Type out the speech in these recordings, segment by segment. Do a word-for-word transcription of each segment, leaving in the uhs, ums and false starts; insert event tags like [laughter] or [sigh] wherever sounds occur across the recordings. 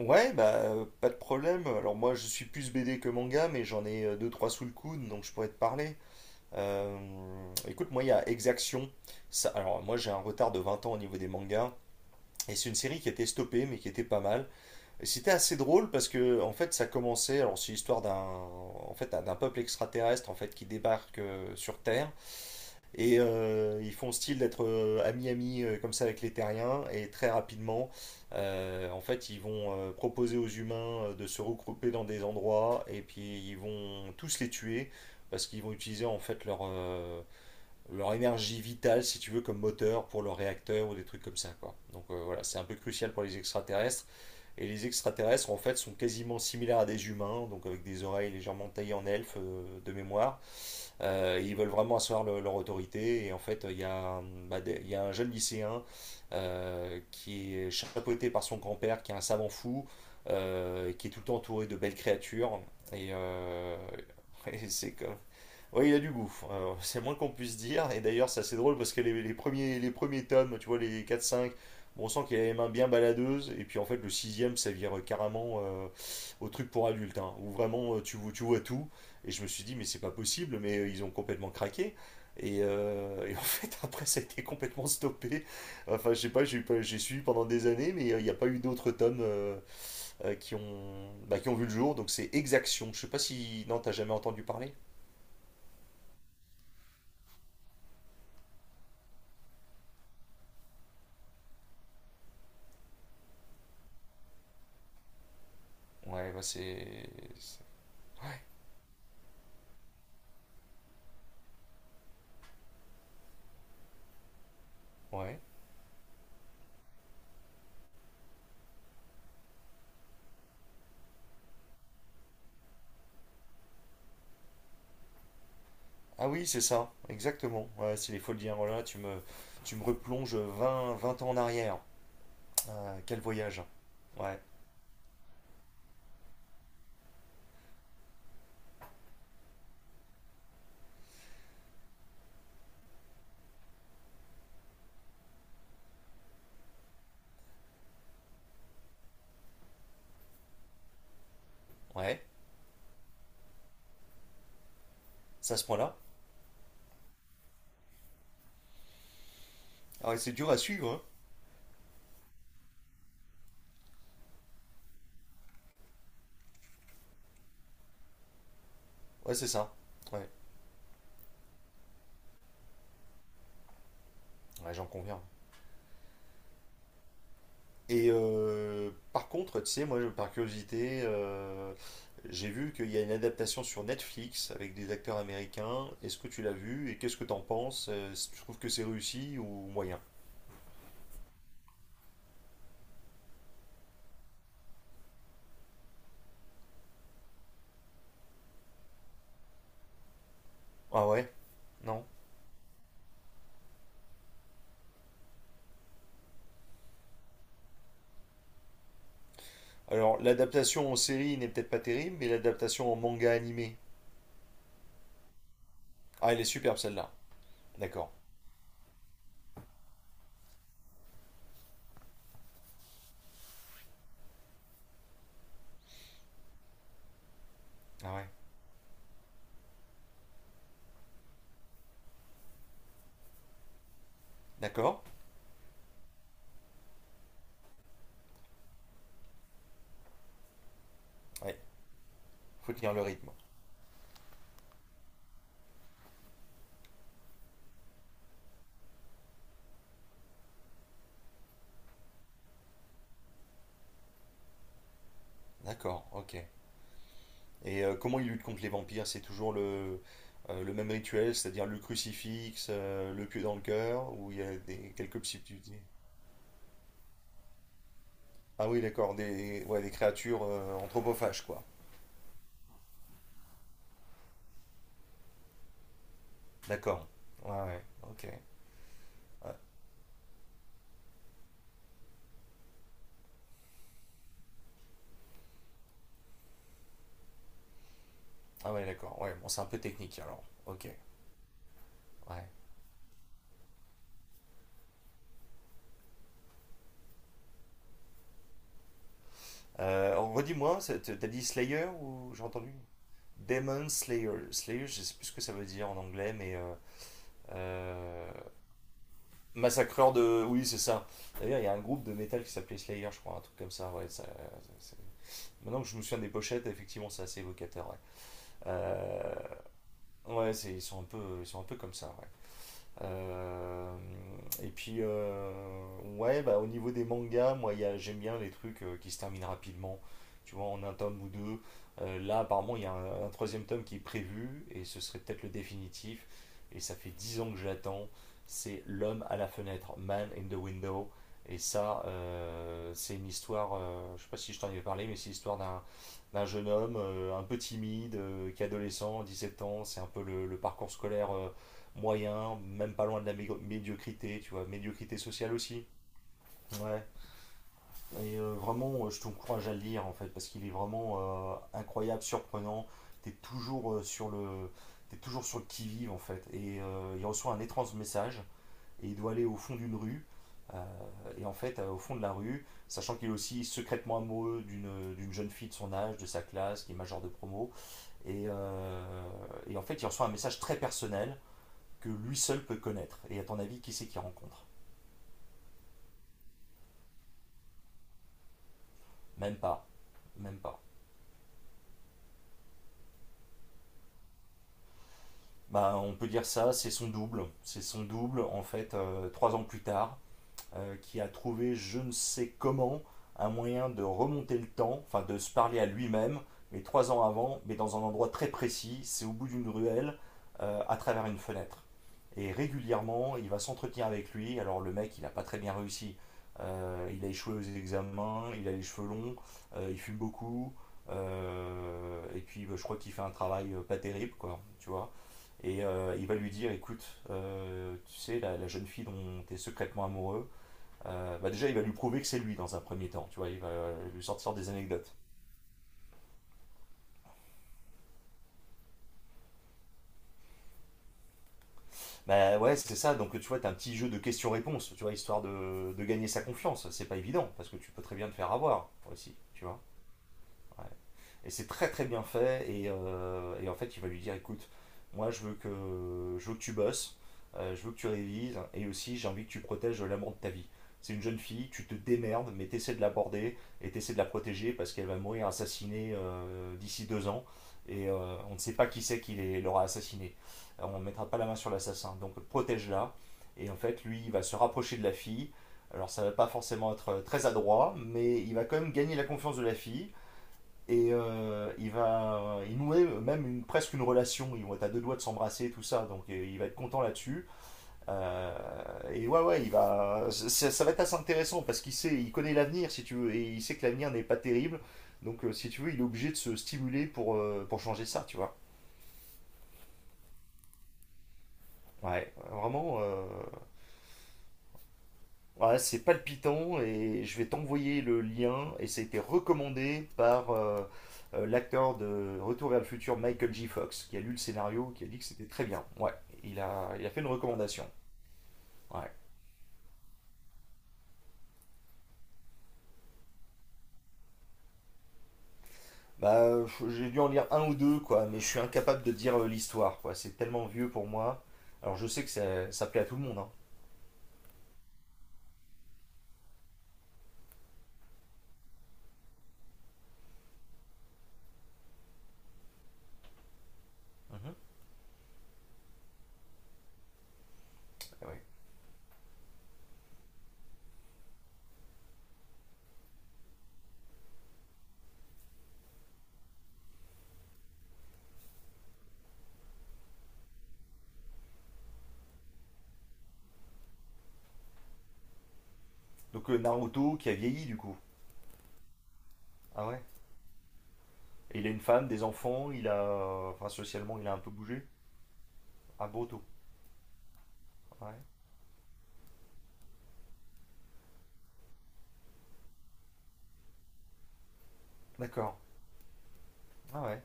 Ouais, bah euh, pas de problème. Alors moi je suis plus B D que manga, mais j'en ai euh, deux trois sous le coude, donc je pourrais te parler. Euh, écoute, moi il y a Exaction. Ça, alors moi j'ai un retard de vingt ans au niveau des mangas, et c'est une série qui était stoppée, mais qui était pas mal. Et c'était assez drôle parce que en fait ça commençait. Alors c'est l'histoire d'un en fait d'un d'un peuple extraterrestre en fait qui débarque euh, sur Terre. Et euh, ils font style d'être euh, amis-amis euh, comme ça avec les terriens. Et très rapidement, euh, en fait, ils vont euh, proposer aux humains euh, de se regrouper dans des endroits. Et puis, ils vont tous les tuer. Parce qu'ils vont utiliser en fait leur, euh, leur énergie vitale, si tu veux, comme moteur pour leur réacteur ou des trucs comme ça, quoi. Donc euh, voilà, c'est un peu crucial pour les extraterrestres. Et les extraterrestres, en fait, sont quasiment similaires à des humains, donc avec des oreilles légèrement taillées en elfe euh, de mémoire. Euh, ils veulent vraiment asseoir le- leur autorité. Et en fait, il y a, un- bah, des- il y a un jeune lycéen euh, qui est chapeauté par son grand-père, qui est un savant fou, euh, qui est tout le temps entouré de belles créatures. Et, euh, [laughs] et c'est comme- oui, il a du goût, euh, c'est moins qu'on puisse dire. Et d'ailleurs, c'est assez drôle parce que les, les premiers, les premiers tomes, tu vois, les quatre, cinq, bon, on sent qu'il a les mains bien baladeuses. Et puis en fait, le sixième, ça vire carrément euh, au truc pour adultes, hein, où vraiment euh, tu, vois- tu vois tout. Et je me suis dit, mais c'est pas possible, mais euh, ils ont complètement craqué. Et, euh, et en [laughs] fait, après, ça a été complètement stoppé. Enfin, je sais pas, j'ai eu pas- j'ai suivi pendant des années, mais euh, il n'y a pas eu d'autres tomes euh, euh, qui ont, bah, qui ont vu le jour. Donc c'est Exaction. Je sais pas si. Non, t'as jamais entendu parler? Ouais, bah c'est. c'est- Ouais, ouais. Ah oui, c'est ça, exactement. Ouais, c'est les folies de Guillermo. tu me, tu me replonges vingt vingt ans en arrière. Euh, quel voyage. Ouais, ouais, c'est à ce point-là. Ah ouais, c'est dur à suivre, hein. Ouais, c'est ça. Ouais, ouais, j'en conviens. Et euh, par contre, tu sais, moi, je- par curiosité, euh, j'ai vu qu'il y a une adaptation sur Netflix avec des acteurs américains. Est-ce que tu l'as vu et qu'est-ce que t'en penses? Euh, si tu trouves que c'est réussi ou moyen? Ah ouais? Non? Alors, l'adaptation en série n'est peut-être pas terrible, mais l'adaptation en manga animé. Ah, elle est superbe celle-là. D'accord. Ah ouais. D'accord. Ouais. Faut tenir le rythme. D'accord, ok. Et euh, comment il lutte contre les vampires? C'est toujours le, euh, le même rituel, c'est-à-dire le crucifix, euh, le pieu dans le cœur, ou il y a des, quelques subtilités. Ah oui, d'accord, des, ouais, des créatures euh, anthropophages, quoi. D'accord. Ouais, ouais, ok. Ouais. Ah ouais, d'accord. Ouais, bon, c'est un peu technique alors. Ok. Ouais. Euh, redis-moi, t'as dit Slayer ou j'ai entendu? Demon Slayer. Slayer, je sais plus ce que ça veut dire en anglais, mais euh, euh, massacreur de. Oui, c'est ça. D'ailleurs, il y a un groupe de métal qui s'appelait Slayer, je crois, un truc comme ça. Ouais, ça- c'est- Maintenant que je me souviens des pochettes, effectivement, c'est assez évocateur. Ouais, Euh, ouais, c'est- ils sont un peu, ils sont un peu comme ça. Ouais. Euh, et puis, euh, ouais, bah, au niveau des mangas, moi, il y a- j'aime bien les trucs euh, qui se terminent rapidement, tu vois, en un tome ou deux. Euh, là, apparemment, il y a un, un troisième tome qui est prévu, et ce serait peut-être le définitif. Et ça fait dix ans que j'attends. C'est L'homme à la fenêtre, Man in the Window. Et ça, euh, c'est une histoire, euh, je sais pas si je t'en avais parlé, mais c'est l'histoire d'un d'un jeune homme euh, un peu timide, euh, qui est adolescent, dix-sept ans. C'est un peu le, le parcours scolaire. euh, moyen, même pas loin de la médiocrité, tu vois, médiocrité sociale aussi. Ouais. Et euh, vraiment, euh, je t'encourage à le lire en fait, parce qu'il est vraiment euh, incroyable, surprenant. T'es toujours euh, sur le, t'es toujours sur le qui vive en fait. Et euh, il reçoit un étrange message et il doit aller au fond d'une rue. Euh, et en fait, euh, au fond de la rue, sachant qu'il est aussi secrètement amoureux d'une d'une jeune fille de son âge, de sa classe, qui est majeure de promo. Et, euh, et en fait, il reçoit un message très personnel que lui seul peut connaître. Et à ton avis, qui c'est qu'il rencontre. Même pas. Même pas. Bah, on peut dire ça, c'est son double. C'est son double, en fait, euh, trois ans plus tard, euh, qui a trouvé, je ne sais comment, un moyen de remonter le temps, enfin de se parler à lui-même, mais trois ans avant, mais dans un endroit très précis, c'est au bout d'une ruelle, euh, à travers une fenêtre. Et régulièrement, il va s'entretenir avec lui. Alors le mec, il n'a pas très bien réussi. Euh, il a échoué aux examens, il a les cheveux longs, euh, il fume beaucoup, euh, et puis bah, je crois qu'il fait un travail euh, pas terrible, quoi, tu vois. Et euh, il va lui dire, écoute, euh, tu sais, la, la jeune fille dont tu es secrètement amoureux, euh, bah déjà, il va lui prouver que c'est lui dans un premier temps, tu vois, il va lui sortir des anecdotes. Bah ouais, c'est ça, donc tu vois, t'as un petit jeu de questions-réponses, tu vois, histoire de, de gagner sa confiance, c'est pas évident, parce que tu peux très bien te faire avoir, aussi, tu vois. Ouais. Et c'est très très bien fait. Et, euh, et en fait, il va lui dire écoute, moi je veux que, je veux que tu bosses, euh, je veux que tu révises, et aussi j'ai envie que tu protèges l'amour de ta vie. C'est une jeune fille, tu te démerdes, mais t'essaies de l'aborder et t'essaies de la protéger parce qu'elle va mourir assassinée euh, d'ici deux ans. Et euh, on ne sait pas qui c'est qui l'aura assassinée. Alors, on ne mettra pas la main sur l'assassin. Donc protège-la. Et en fait, lui, il va se rapprocher de la fille. Alors ça ne va pas forcément être euh, très adroit, mais il va quand même gagner la confiance de la fille. Et euh, il va, euh, il nouait même une, presque une relation. Ils vont être à deux doigts de s'embrasser, tout ça. Donc il va être content là-dessus. Euh, et ouais, ouais, il va, ça, ça va être assez intéressant parce qu'il sait, il connaît l'avenir, si tu veux, et il sait que l'avenir n'est pas terrible. Donc euh, si tu veux, il est obligé de se stimuler pour, euh, pour changer ça, tu vois. Ouais, vraiment. euh, Ouais, c'est palpitant et je vais t'envoyer le lien. Et ça a été recommandé par euh, euh, l'acteur de Retour vers le futur, Michael J. Fox, qui a lu le scénario, qui a dit que c'était très bien. Ouais, il a, il a fait une recommandation. Ouais. Bah, je- j'ai dû en lire un ou deux, quoi, mais je suis incapable de dire euh, l'histoire, quoi. C'est tellement vieux pour moi. Alors je sais que ça, ça plaît à tout le monde, hein. Mhm. Ah ouais. Donc euh, Naruto qui a vieilli, du coup. Ah ouais. Et il a une femme, des enfants, il a... Enfin, socialement, il a un peu bougé. Ah, Boruto. Ouais. D'accord. Ah ouais.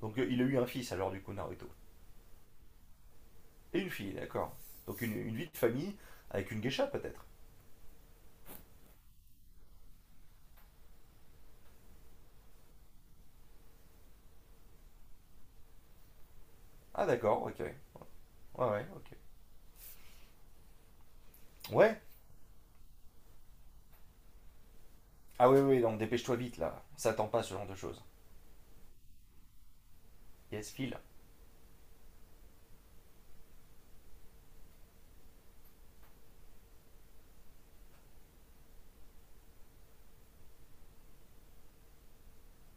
Donc euh, il a eu un fils alors du coup Naruto. Et une fille, d'accord. Donc une, une vie de famille avec une geisha peut-être. Ah d'accord, ok. Ouais, ouais, ok. Ouais. Ah ouais, ouais, donc dépêche-toi vite là. Ça attend pas ce genre de choses. Yes, file.